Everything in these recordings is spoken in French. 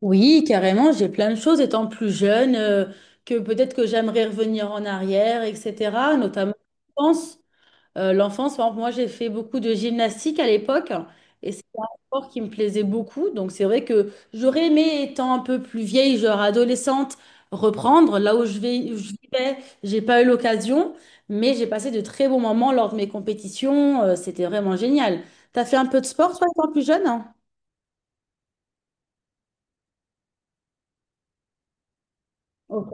Oui, carrément, j'ai plein de choses étant plus jeune, que peut-être que j'aimerais revenir en arrière, etc. Notamment l'enfance. L'enfance, par exemple, moi j'ai fait beaucoup de gymnastique à l'époque, et c'est un sport qui me plaisait beaucoup. Donc c'est vrai que j'aurais aimé, étant un peu plus vieille, genre adolescente, reprendre là où je vais, où je vivais, j'ai pas eu l'occasion, mais j'ai passé de très bons moments lors de mes compétitions. C'était vraiment génial. T'as fait un peu de sport, toi, étant plus jeune? Hein. Ok.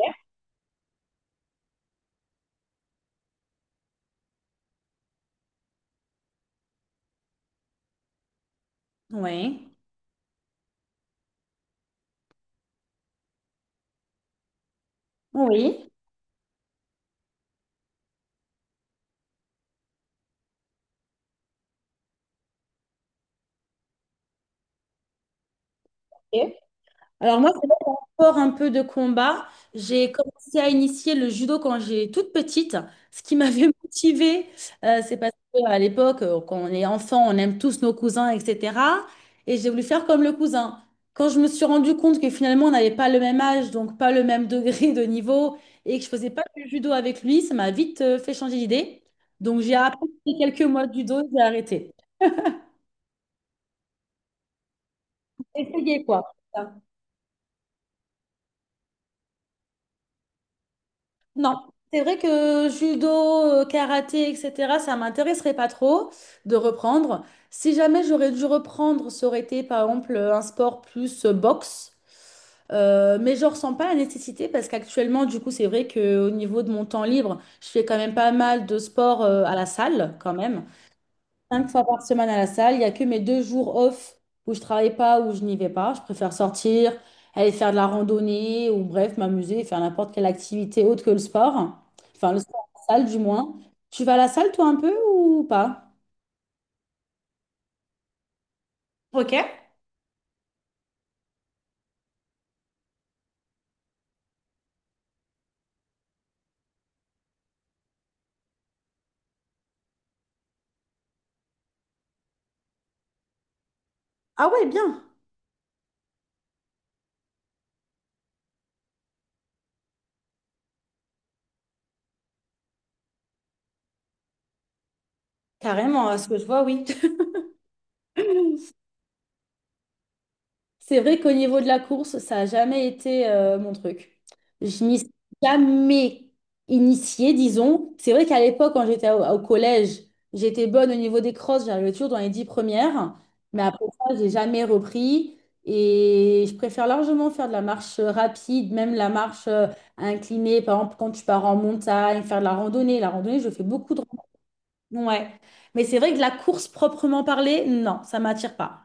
Oui. Oui. Ok. Alors moi, c'est un sport un peu de combat. J'ai commencé à initier le judo quand j'ai toute petite. Ce qui m'avait motivée, c'est parce qu'à l'époque, quand on est enfant, on aime tous nos cousins, etc. Et j'ai voulu faire comme le cousin. Quand je me suis rendu compte que finalement, on n'avait pas le même âge, donc pas le même degré de niveau, et que je faisais pas du judo avec lui, ça m'a vite fait changer d'idée. Donc j'ai appris quelques mois de judo, j'ai arrêté. Essayez quoi. Non, c'est vrai que judo, karaté, etc., ça m'intéresserait pas trop de reprendre. Si jamais j'aurais dû reprendre, ça aurait été par exemple un sport plus boxe. Mais je ressens pas la nécessité parce qu'actuellement, du coup, c'est vrai qu'au niveau de mon temps libre, je fais quand même pas mal de sport à la salle quand même. Cinq fois par semaine à la salle. Il n'y a que mes 2 jours off où je travaille pas, où je n'y vais pas. Je préfère sortir, aller faire de la randonnée ou bref, m'amuser, faire n'importe quelle activité autre que le sport. Enfin, le sport à la salle du moins. Tu vas à la salle toi un peu ou pas? Ok. Ah ouais, bien. Carrément, à ce que je vois, oui. C'est vrai qu'au niveau de la course, ça n'a jamais été mon truc. Je n'y suis jamais initiée, disons. C'est vrai qu'à l'époque, quand j'étais au collège, j'étais bonne au niveau des crosses, j'arrivais toujours dans les 10 premières. Mais après ça, j'ai jamais repris. Et je préfère largement faire de la marche rapide, même la marche inclinée. Par exemple, quand tu pars en montagne, faire de la randonnée. La randonnée, je fais beaucoup de randonnée. Ouais. Mais c'est vrai que la course proprement parlée, non, ça m'attire pas.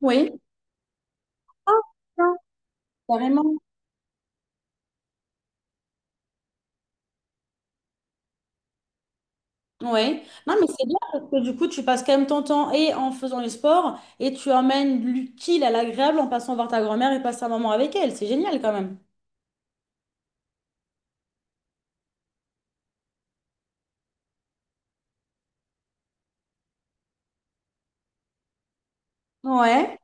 Oui, carrément. Ouais. Non, mais c'est bien parce que du coup, tu passes quand même ton temps et en faisant le sport et tu emmènes l'utile à l'agréable en passant voir ta grand-mère et passer un moment avec elle. C'est génial quand même. Ouais.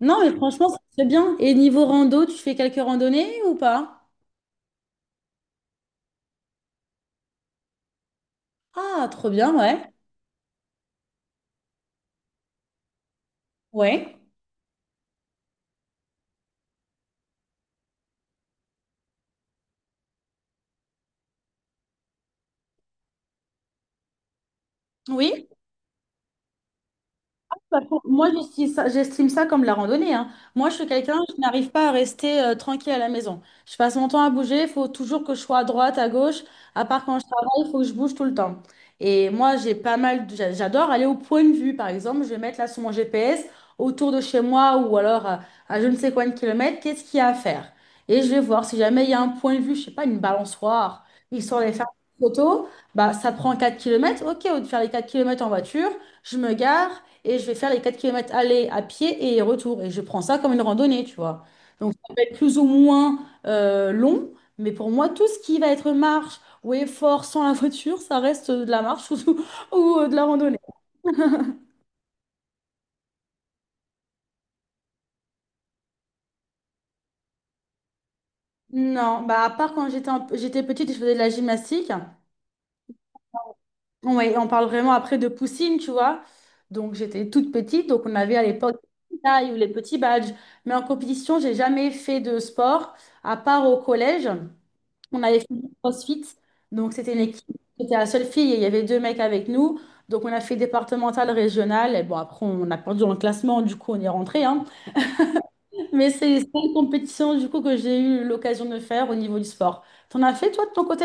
Non, mais franchement, c'est très bien. Et niveau rando, tu fais quelques randonnées ou pas? Ah, trop bien, ouais. Ouais. Oui? Bah, moi, j'estime ça comme la randonnée, hein. Moi, je suis quelqu'un, je n'arrive pas à rester tranquille à la maison. Je passe mon temps à bouger, il faut toujours que je sois à droite, à gauche. À part quand je travaille, il faut que je bouge tout le temps. Et moi, j'ai pas mal, j'adore aller au point de vue, par exemple. Je vais mettre là sur mon GPS, autour de chez moi ou alors à je ne sais combien de kilomètres, qu'est-ce qu'il y a à faire? Et je vais voir si jamais il y a un point de vue, je sais pas, une balançoire, histoire d'aller faire une photo, bah, ça prend 4 kilomètres. Ok, au lieu de faire les 4 kilomètres en voiture, je me gare et je vais faire les 4 kilomètres aller à pied et retour. Et je prends ça comme une randonnée, tu vois. Donc, ça peut être plus ou moins long, mais pour moi, tout ce qui va être marche ou effort sans la voiture, ça reste de la marche ou de la randonnée. Non, bah à part quand j'étais j'étais petite, je faisais de la gymnastique. Ouais, on parle vraiment après de poussine, tu vois. Donc j'étais toute petite, donc on avait à l'époque les petites tailles ou les petits badges. Mais en compétition, j'ai jamais fait de sport, à part au collège. On avait fait du CrossFit, donc c'était une équipe, j'étais la seule fille et il y avait deux mecs avec nous. Donc on a fait départemental, régional, et bon après on a perdu dans le classement, du coup on est rentré. Hein. Mais c'est une compétition du coup que j'ai eu l'occasion de faire au niveau du sport. T'en as fait toi de ton côté?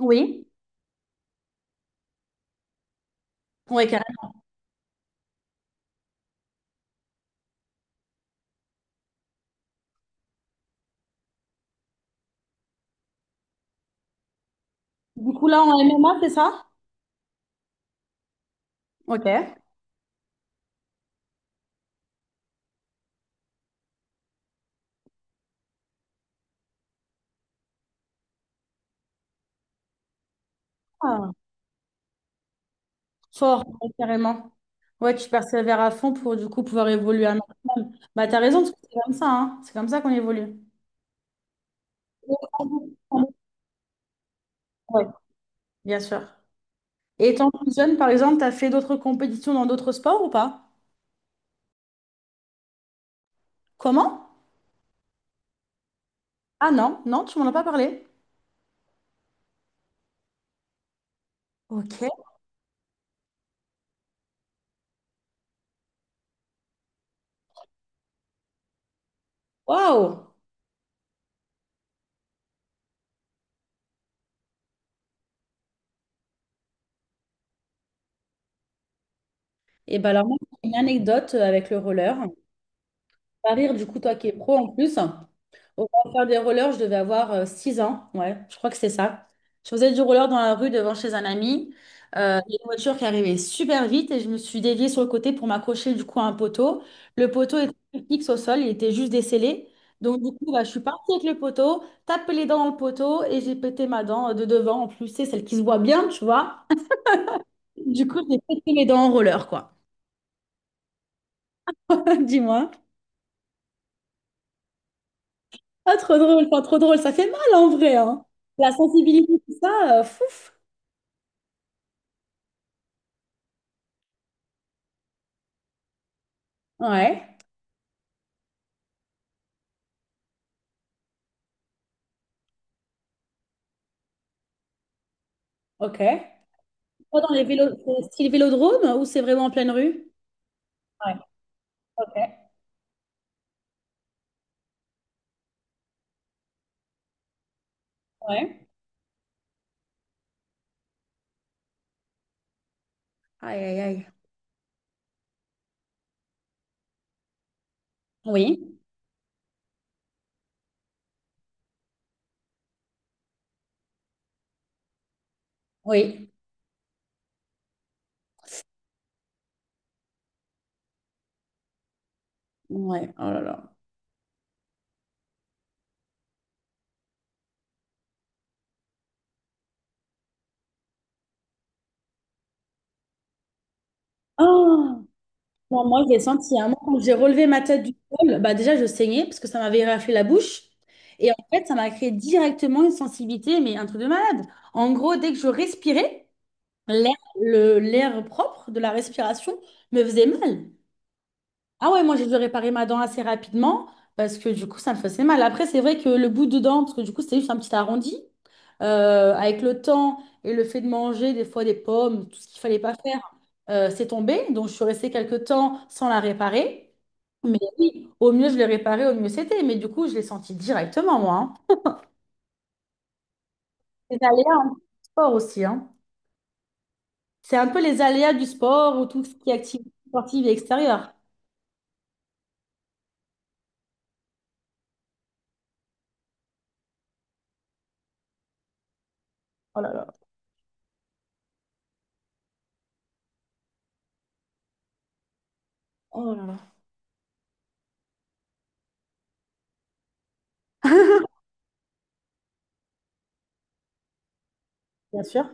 Oui. Oui, carrément. Du coup là en MMA, c'est ça? Ok. Ah, fort, ouais, carrément. Ouais, tu persévères à fond pour du coup pouvoir évoluer un maximum. Bah t'as raison, parce que c'est comme ça, hein. C'est comme ça qu'on évolue. Ouais, bien sûr. Et étant plus jeune, par exemple, t'as fait d'autres compétitions dans d'autres sports ou pas? Comment? Ah non, non, tu m'en as pas parlé. Ok. Waouh! Et ben alors, moi, j'ai une anecdote avec le roller. Va rire, du coup, toi qui es pro en plus. Au moment de faire des rollers, je devais avoir 6 ans. Ouais, je crois que c'est ça. Je faisais du roller dans la rue devant chez un ami. Il y a une voiture qui arrivait super vite et je me suis déviée sur le côté pour m'accrocher du coup à un poteau. Le poteau était fixe au sol, il était juste décellé. Donc du coup, bah, je suis partie avec le poteau, tapé les dents dans le poteau et j'ai pété ma dent de devant, en plus, c'est celle qui se voit bien, tu vois. Du coup, j'ai pété les dents en roller, quoi. Dis-moi. Ah, trop drôle, pas trop drôle. Ça fait mal en vrai, hein. La sensibilité, tout ça, fouf. Ouais, ok. Pas dans les vélos, c'est style vélodrome ou c'est vraiment en pleine rue? Ouais, ok, ouais. Aïe, aïe, aïe. Oui, oui. Ouais, oh là là. Oh, non, moi, j'ai senti un moment quand j'ai relevé ma tête du sol, bah déjà, je saignais parce que ça m'avait raflé la bouche. Et en fait, ça m'a créé directement une sensibilité, mais un truc de malade. En gros, dès que je respirais, l'air, l'air propre de la respiration me faisait mal. Ah ouais, moi j'ai dû réparer ma dent assez rapidement parce que du coup ça me faisait mal. Après, c'est vrai que le bout de dent, parce que du coup c'était juste un petit arrondi, avec le temps et le fait de manger des fois des pommes, tout ce qu'il fallait pas faire, c'est tombé. Donc je suis restée quelques temps sans la réparer. Mais oui, au mieux je l'ai réparée, au mieux c'était. Mais du coup je l'ai senti directement moi. Hein. Les aléas hein, du sport aussi. Hein. C'est un peu les aléas du sport ou tout ce qui est activité sportive et extérieure. Oh là là. Oh là là. Bien sûr.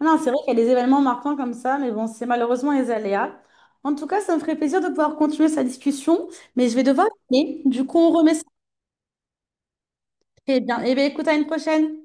Ah, non, c'est vrai qu'il y a des événements marquants comme ça, mais bon, c'est malheureusement les aléas. En tout cas, ça me ferait plaisir de pouvoir continuer sa discussion, mais je vais devoir y aller. Du coup, on remet ça. Eh bien, écoute, à une prochaine.